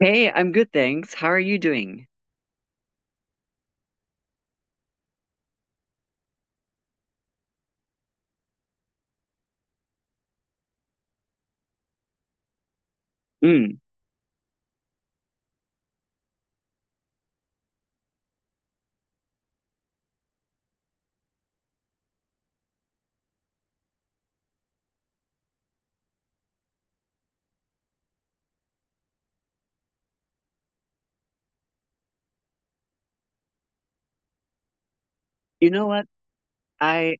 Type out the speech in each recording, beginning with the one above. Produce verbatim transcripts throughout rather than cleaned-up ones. Hey, I'm good, thanks. How are you doing? Mm. You know what? I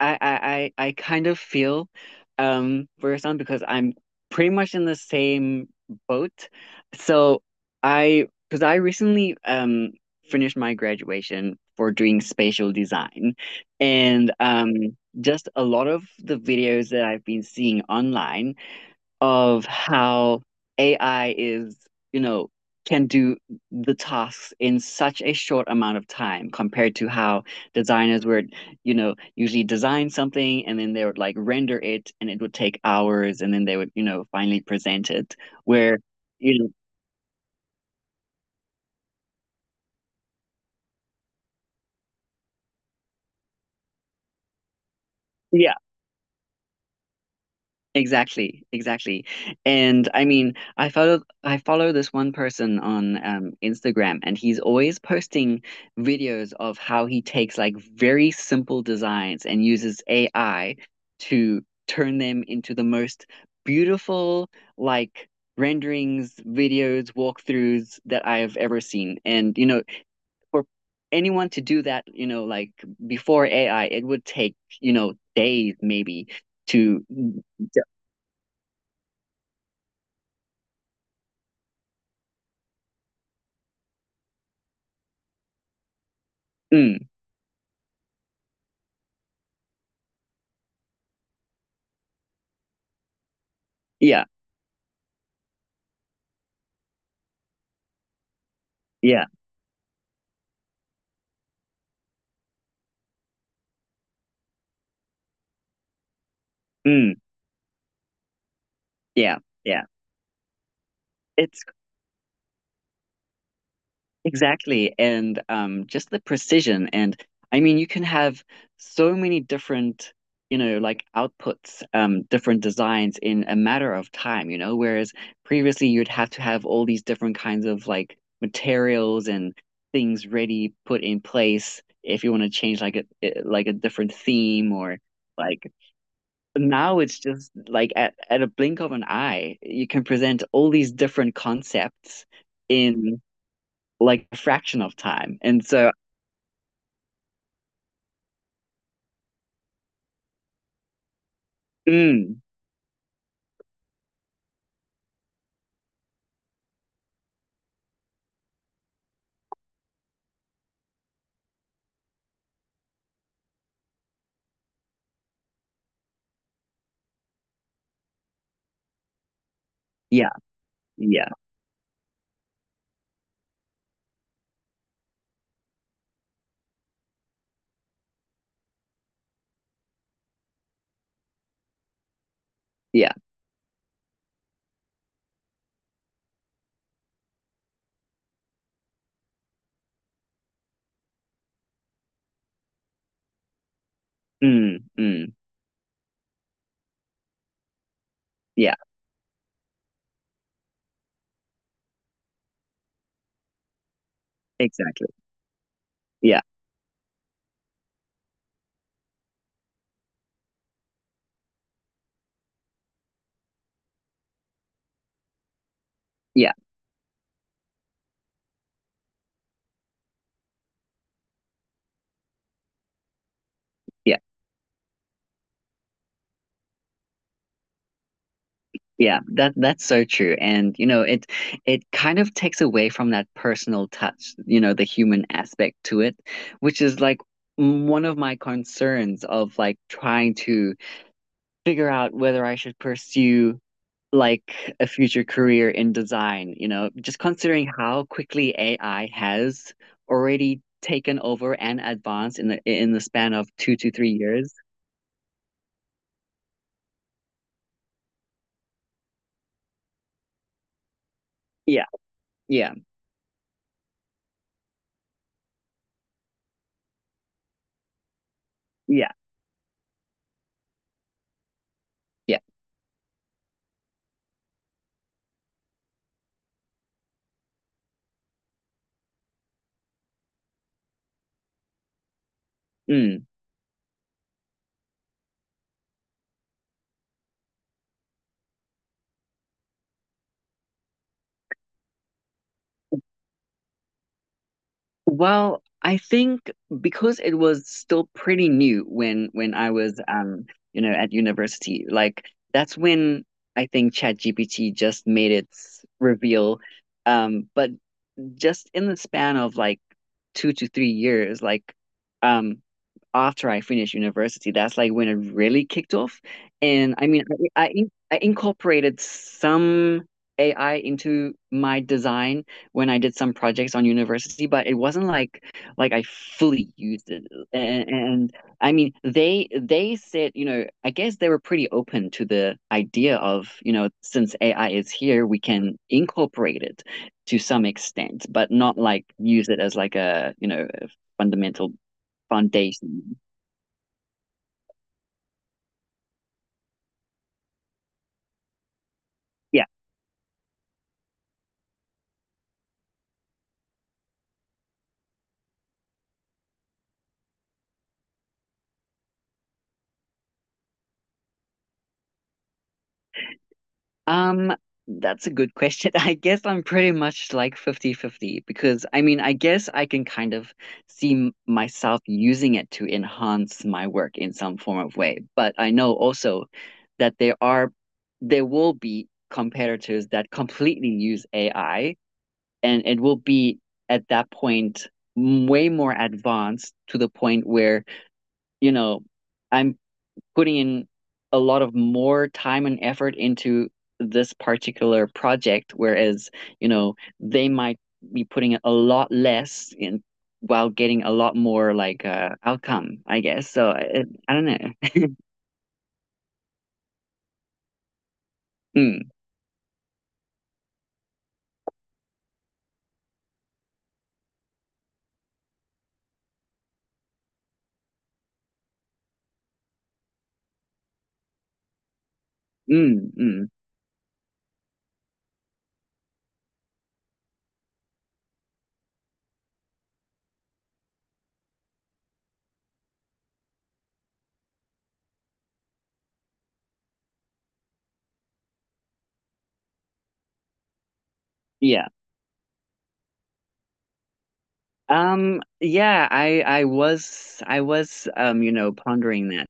I I I I kind of feel um for your son because I'm pretty much in the same boat. So I because I recently um finished my graduation for doing spatial design. And um just a lot of the videos that I've been seeing online of how A I is, you know, can do the tasks in such a short amount of time compared to how designers would, you know, usually design something and then they would like render it and it would take hours and then they would, you know, finally present it. Where, you know, yeah, exactly, exactly. And I mean, I follow I follow this one person on um, Instagram, and he's always posting videos of how he takes like very simple designs and uses A I to turn them into the most beautiful like renderings, videos, walkthroughs that I have ever seen. And you know, for anyone to do that, you know, like before A I, it would take, you know, days maybe to… Mm. Yeah, yeah. Mm, yeah, yeah. It's exactly. And um, just the precision. And I mean, you can have so many different, you know, like outputs, um, different designs in a matter of time, you know, whereas previously you'd have to have all these different kinds of like materials and things ready, put in place if you want to change like a eh, like a different theme, or like now it's just like at, at a blink of an eye, you can present all these different concepts in like a fraction of time. And so, mm, yeah, yeah, yeah, mm, mm, yeah, exactly. Yeah, yeah, yeah, yeah. That that's so true. And you know, it it kind of takes away from that personal touch, you know, the human aspect to it, which is like one of my concerns of like trying to figure out whether I should pursue like a future career in design, you know, just considering how quickly A I has already taken over and advanced in the in the span of two to three years. Yeah, yeah, yeah, yeah. Mm. Well, I think because it was still pretty new when when I was um, you know, at university, like that's when I think ChatGPT just made its reveal. Um, but just in the span of like two to three years, like um after I finished university, that's like when it really kicked off. And I mean, I I, in- I incorporated some A I into my design when I did some projects on university, but it wasn't like like I fully used it. And, and I mean, they they said, you know, I guess they were pretty open to the idea of, you know, since A I is here, we can incorporate it to some extent, but not like use it as like a, you know, a fundamental foundation. Yeah. Um, that's a good question. I guess I'm pretty much like fifty-fifty because I mean, I guess I can kind of see m- myself using it to enhance my work in some form of way. But I know also that there are there will be competitors that completely use A I and it will be at that point way more advanced to the point where you know, I'm putting in a lot of more time and effort into this particular project, whereas, you know, they might be putting a lot less in while getting a lot more like uh outcome, I guess. So I, I don't know. Mm, mm, mm. Yeah. Um, yeah, I I was I was um, you know, pondering that.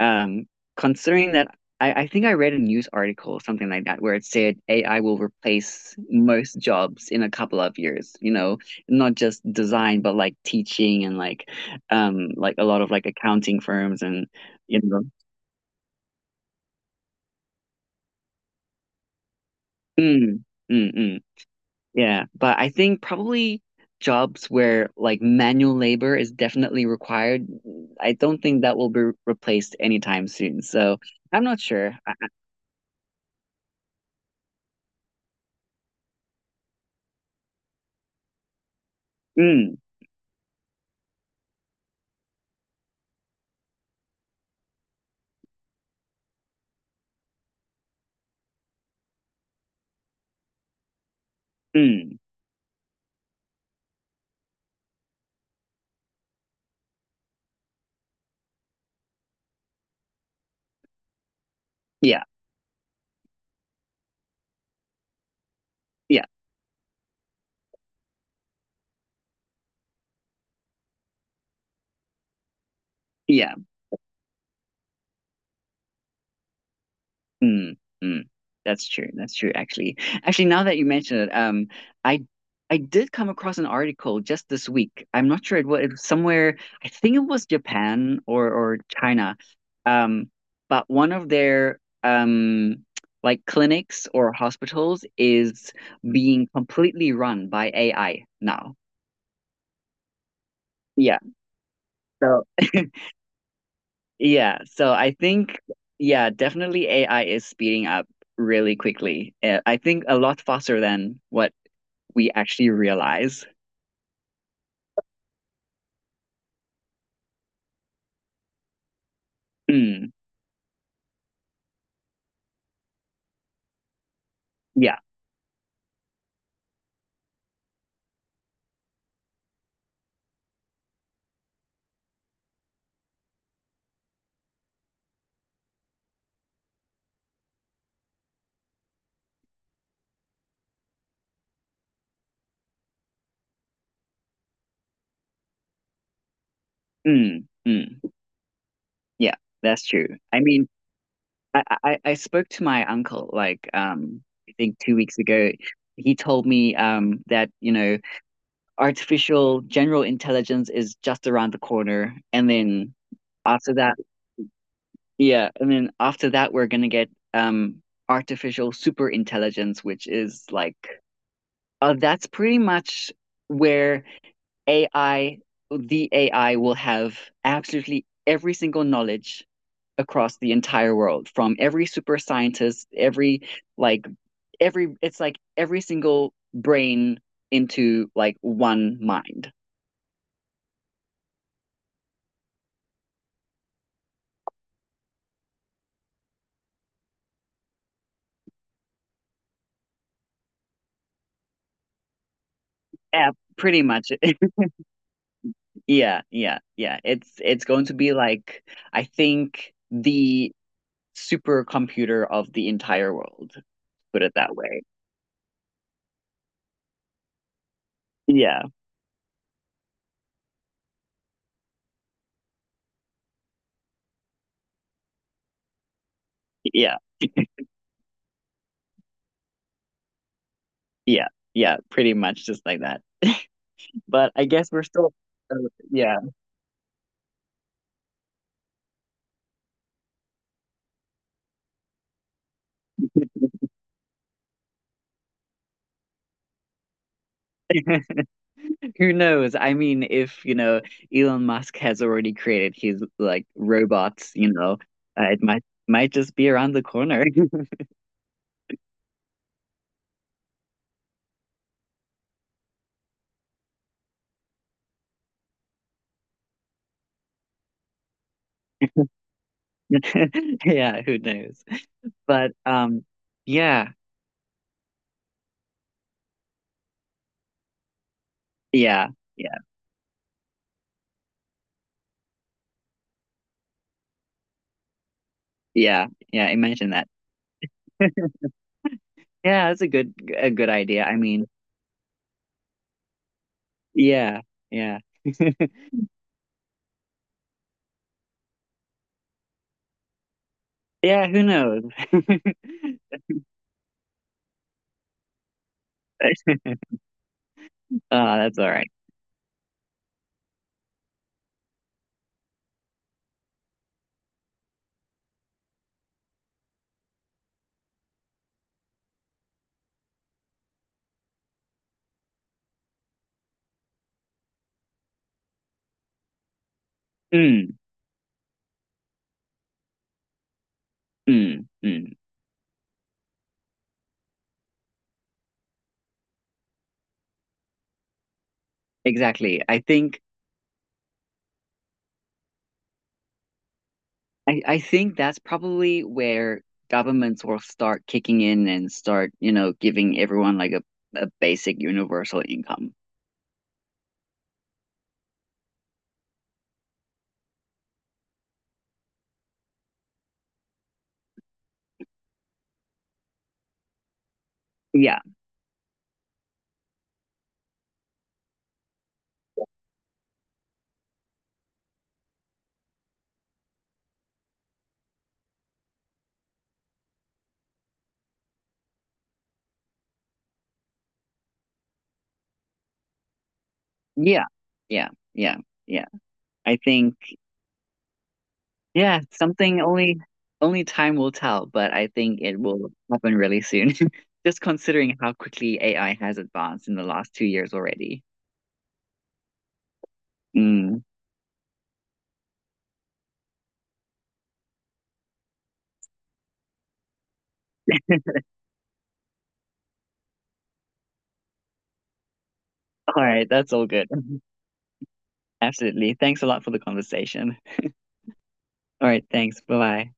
Um, Considering that I, I think I read a news article or something like that where it said A I will replace most jobs in a couple of years, you know, not just design, but like teaching and like um like a lot of like accounting firms and you know. Mm, mm, mm. Yeah. But I think probably jobs where like manual labor is definitely required, I don't think that will be re- replaced anytime soon. So I'm not sure. I- Mm, mm, yeah, yeah, yeah. Mm, mm. That's true. That's true, actually. Actually, now that you mention it, um, I I did come across an article just this week. I'm not sure it was, it was somewhere, I think it was Japan or or China. Um, but one of their um like clinics or hospitals is being completely run by A I now. Yeah. So Yeah, so I think, yeah, definitely A I is speeding up really quickly. Uh, I think a lot faster than what we actually realize. Mm, yeah, mm, mm, yeah, that's true. I mean, I, I, I spoke to my uncle like um I think two weeks ago. He told me um that, you know, artificial general intelligence is just around the corner, and then after that, yeah, and then after that, we're gonna get um artificial super intelligence, which is like uh, that's pretty much where A I, the A I will have absolutely every single knowledge across the entire world, from every super scientist, every like every it's like every single brain into like one mind. Yeah, pretty much. Yeah, yeah, yeah. It's it's going to be like I think the supercomputer of the entire world, put it that way. Yeah, yeah, yeah, yeah, pretty much just like that. But I guess we're still, uh, yeah, who knows? I mean, if, you know, Elon Musk has already created his like robots, you know, uh, it might might just be around the corner. Yeah, who knows? But um, yeah, yeah, yeah, yeah, yeah, imagine that. Yeah, that's a good a good idea. I mean, yeah, yeah. Yeah, who knows? Uh, that's all right. Mm, mm, mm. Exactly. I think I, I think that's probably where governments will start kicking in and start, you know, giving everyone like a, a basic universal income. Yeah. Yeah. Yeah. Yeah. Yeah. I think yeah, something only only time will tell, but I think it will happen really soon. Just considering how quickly A I has advanced in the last two years already. Mm. All right, that's all good. Absolutely. Thanks a lot for the conversation. All right, thanks. Bye bye.